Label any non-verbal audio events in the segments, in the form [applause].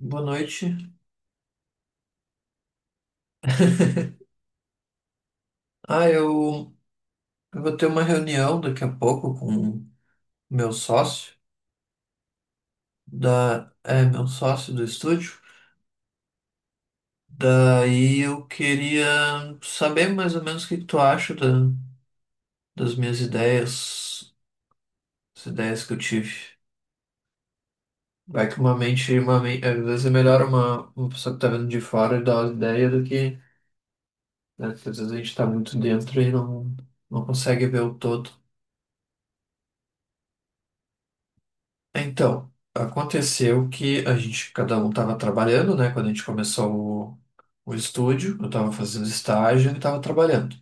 Boa noite. [laughs] Ah, eu, eu vou ter uma reunião daqui a pouco com meu sócio meu sócio do estúdio. Daí eu queria saber mais ou menos o que que tu acha das minhas ideias, as ideias que eu tive. Vai que uma mente, uma, men- às vezes é melhor uma pessoa que tá vendo de fora e dar uma ideia do né, porque às vezes a gente tá muito dentro e não consegue ver o todo. Então, aconteceu que a gente, cada um estava trabalhando, né? Quando a gente começou o estúdio, eu estava fazendo estágio e ele estava trabalhando.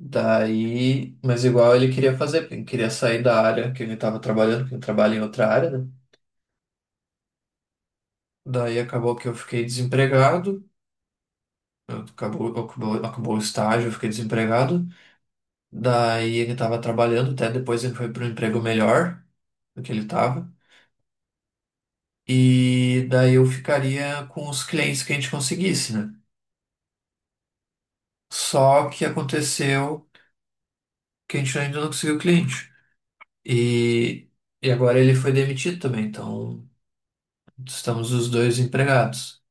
Daí, mas igual ele queria fazer, porque ele queria sair da área que ele estava trabalhando, porque ele trabalha em outra área, né? Daí acabou que eu fiquei desempregado, acabou o estágio, eu fiquei desempregado. Daí ele estava trabalhando, até depois ele foi para um emprego melhor do que ele estava. E daí eu ficaria com os clientes que a gente conseguisse, né? Só que aconteceu que a gente ainda não conseguiu cliente. E, e agora ele foi demitido também, então estamos os dois empregados.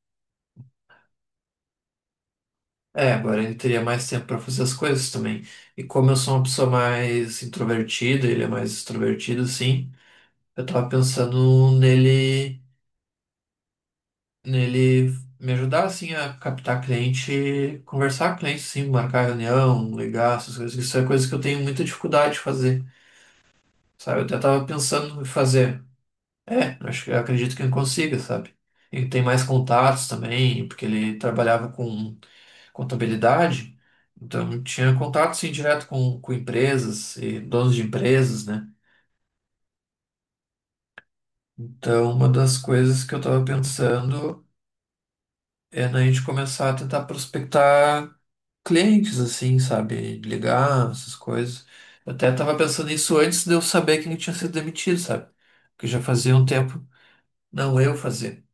É, agora ele teria mais tempo para fazer as coisas também. E como eu sou uma pessoa mais introvertida, ele é mais extrovertido, assim, eu tava pensando nele me ajudar, assim, a captar cliente, conversar com cliente, assim, marcar reunião, ligar, essas coisas. Isso é coisa que eu tenho muita dificuldade de fazer, sabe? Eu até tava pensando em fazer. É, acho que eu acredito que ele consiga, sabe? Ele tem mais contatos também, porque ele trabalhava com contabilidade, então tinha contato sim direto com empresas e donos de empresas, né? Então, uma das coisas que eu estava pensando é na gente começar a tentar prospectar clientes, assim, sabe? Ligar, essas coisas. Eu até estava pensando nisso antes de eu saber quem tinha sido demitido, sabe? Porque já fazia um tempo, não eu fazer.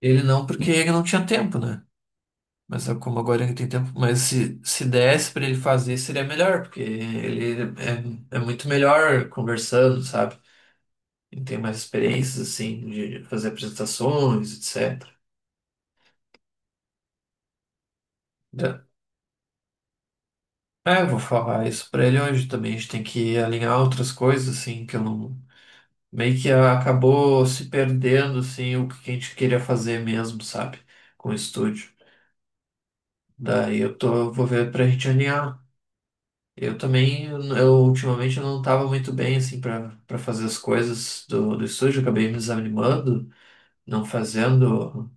Ele não, porque ele não tinha tempo, né? Mas sabe como agora ele tem tempo. Mas se desse pra ele fazer, seria melhor, porque ele é muito melhor conversando, sabe? Ele tem mais experiências, assim, de fazer apresentações, etc. Da- É, eu vou falar isso pra ele hoje também. A gente tem que alinhar outras coisas, assim, que eu não. Meio que acabou se perdendo, assim, o que a gente queria fazer mesmo, sabe? Com o estúdio. Daí eu vou ver pra gente alinhar. Eu ultimamente eu não estava muito bem assim para fazer as coisas do estúdio, eu acabei me desanimando, não fazendo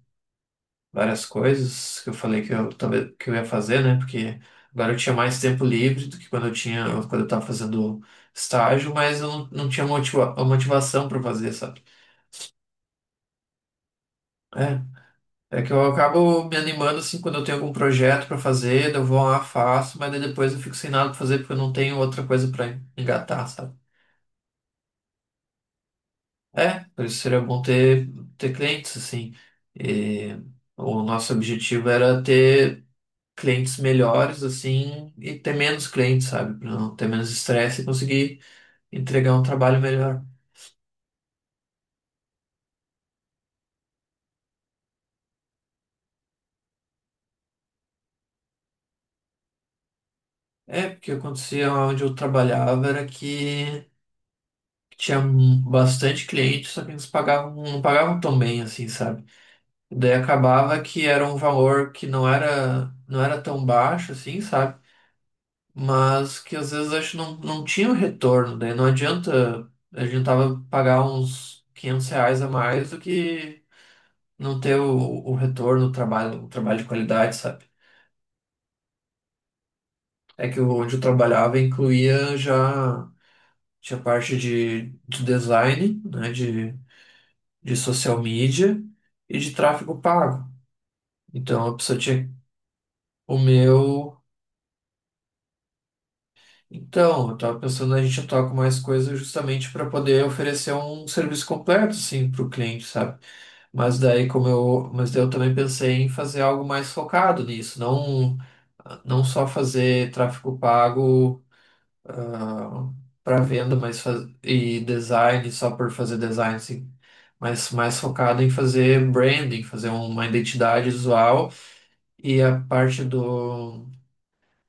várias coisas que eu falei que eu talvez que eu ia fazer, né? Porque agora eu tinha mais tempo livre do que quando eu tinha quando eu estava fazendo estágio, mas eu não tinha motiva a motivação para fazer, sabe? É, é que eu acabo me animando assim quando eu tenho algum projeto para fazer, daí eu vou lá, faço, mas daí depois eu fico sem nada para fazer porque eu não tenho outra coisa para engatar, sabe? É, por isso seria bom ter clientes, assim. E o nosso objetivo era ter clientes melhores, assim, e ter menos clientes, sabe? Para não ter menos estresse e conseguir entregar um trabalho melhor. É, porque acontecia onde eu trabalhava era que tinha bastante cliente, só que eles pagavam, não pagavam tão bem, assim, sabe? Daí acabava que era um valor que não era tão baixo, assim, sabe? Mas que às vezes acho que não tinha o retorno, daí não adianta, a gente tava pagar uns 500 reais a mais do que não ter o retorno, o trabalho de qualidade, sabe? É que onde eu trabalhava incluía já, tinha parte de design, né, de social media e de tráfego pago. Então a pessoa tinha o meu. Então, eu estava pensando a gente atuar com mais coisas justamente para poder oferecer um serviço completo, assim, para o cliente, sabe? Mas daí eu também pensei em fazer algo mais focado nisso, não só fazer tráfego pago, para venda, e design só por fazer design, assim, mas mais focado em fazer branding, fazer uma identidade visual e a parte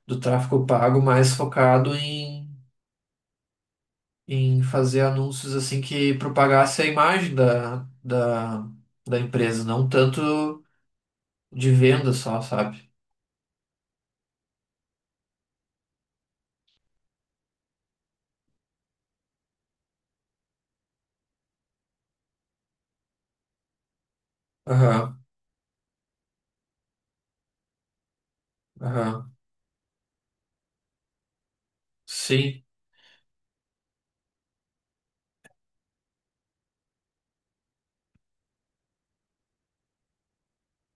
do tráfego pago mais focado em fazer anúncios assim que propagasse a imagem da empresa, não tanto de venda só, sabe? Aham, aham. Sim.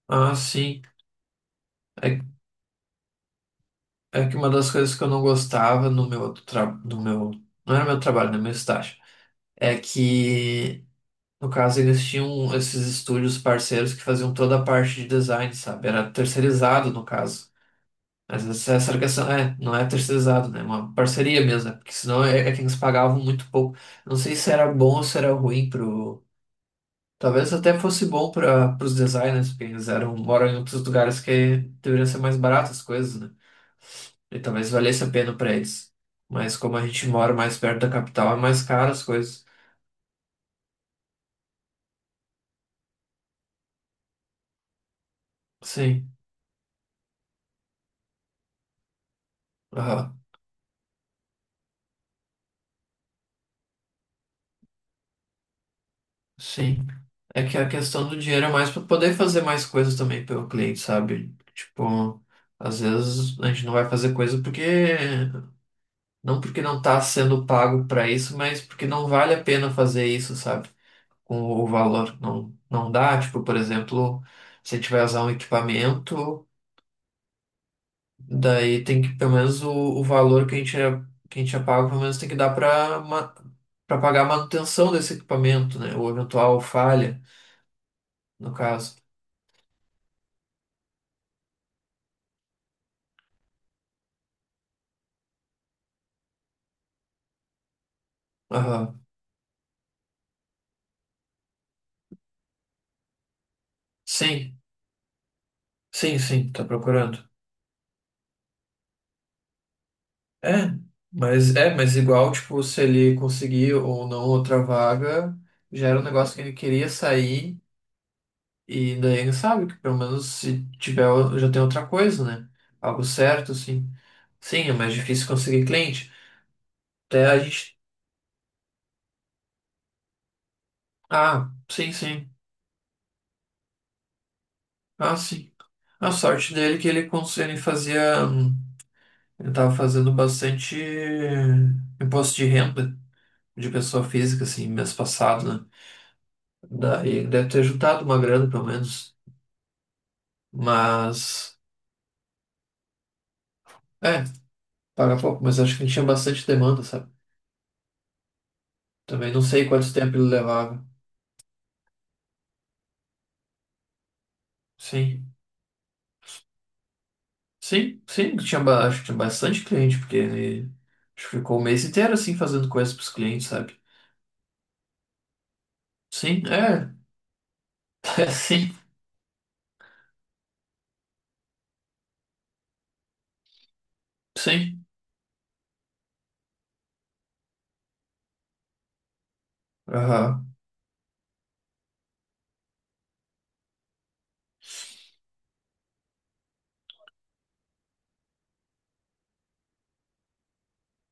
Ah, sim. É, é que uma das coisas que eu não gostava no meu outro tra... no meu. Não era meu trabalho, né? Meu estágio. É que, no caso, eles tinham esses estúdios parceiros que faziam toda a parte de design, sabe? Era terceirizado, no caso. Mas essa arcação não é terceirizado, né? É uma parceria mesmo, né? porque senão é que eles pagavam muito pouco. Não sei se era bom ou se era ruim pro. Talvez até fosse bom para os designers, porque eles eram, moram em outros lugares que deveriam ser mais baratas as coisas, né? E talvez valesse a pena para eles. Mas como a gente mora mais perto da capital, é mais caro as coisas. Sim, aham, sim. É que a questão do dinheiro é mais para poder fazer mais coisas também pelo cliente, sabe? Tipo, às vezes a gente não vai fazer coisa porque não está sendo pago para isso, mas porque não vale a pena fazer isso, sabe? Com o valor. Não, não dá. Tipo, por exemplo, se a gente vai usar um equipamento, daí tem que, pelo menos, o valor que a gente é pago, pelo menos tem que dar para pagar a manutenção desse equipamento, né? Ou eventual falha, no caso. Aham. Sim, sim, sim, tá procurando. É, mas igual, tipo, se ele conseguir ou não outra vaga, já era um negócio que ele queria sair, e daí ele sabe que pelo menos se tiver, já tem outra coisa, né? Algo certo, assim. Sim, é mais difícil conseguir cliente. Até a gente. Ah, sim, sim. Ah, sim. A sorte dele é que ele fazia. Ele tava fazendo bastante imposto de renda de pessoa física, assim, mês passado, né? Daí deve ter juntado uma grana, pelo menos. Mas, é, paga pouco, mas acho que tinha bastante demanda, sabe? Também não sei quanto tempo ele levava. Sim, sim, sim, acho que tinha bastante cliente, porque ele acho que ficou o mês inteiro assim fazendo coisas pros clientes, sabe? Sim, [laughs] é, sim, sim, aham,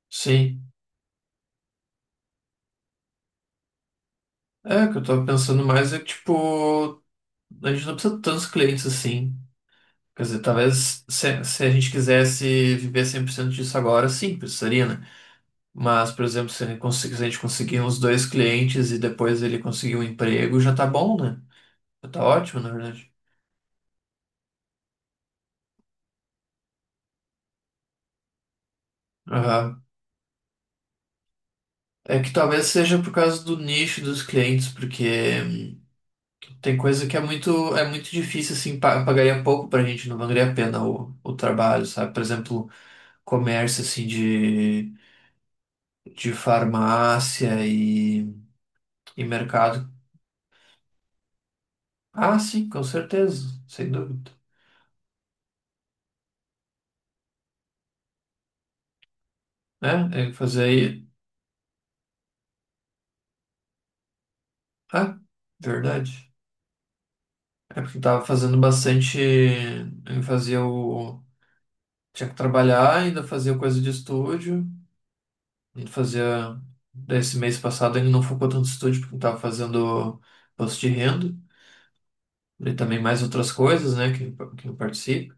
sim. É, o que eu tava pensando mais é que, tipo, a gente não precisa de tantos clientes assim. Quer dizer, talvez se a gente quisesse viver 100% disso agora, sim, precisaria, né? Mas, por exemplo, se ele conseguir, se a gente conseguir uns dois clientes e depois ele conseguir um emprego, já tá bom, né? Já tá ótimo, na verdade. Aham. É que talvez seja por causa do nicho dos clientes, porque tem coisa que é muito difícil, assim, pagaria pouco pra gente, não valeria a pena o trabalho, sabe? Por exemplo, comércio, assim, de farmácia e mercado. Ah, sim, com certeza, sem dúvida. Né? É fazer aí. Ah, verdade. É porque eu tava fazendo bastante. Eu fazia o. Tinha que trabalhar, ainda fazia coisa de estúdio. Ainda fazia. Daí esse mês passado ele não focou tanto no estúdio, porque eu tava fazendo post de renda. E também mais outras coisas, né? Que eu participo.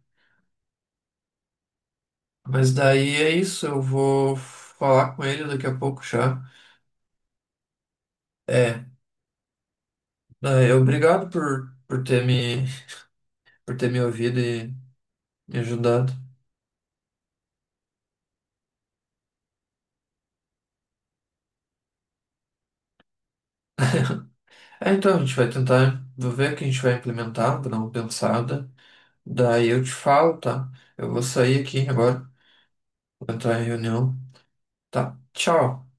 Mas daí é isso, eu vou falar com ele daqui a pouco já. É, obrigado por ter por ter me ouvido e me ajudado. É, então, a gente vai tentar, vou ver o que a gente vai implementar, vou dar uma pensada. Daí eu te falo, tá? Eu vou sair aqui agora, vou entrar em reunião, tá? Tchau.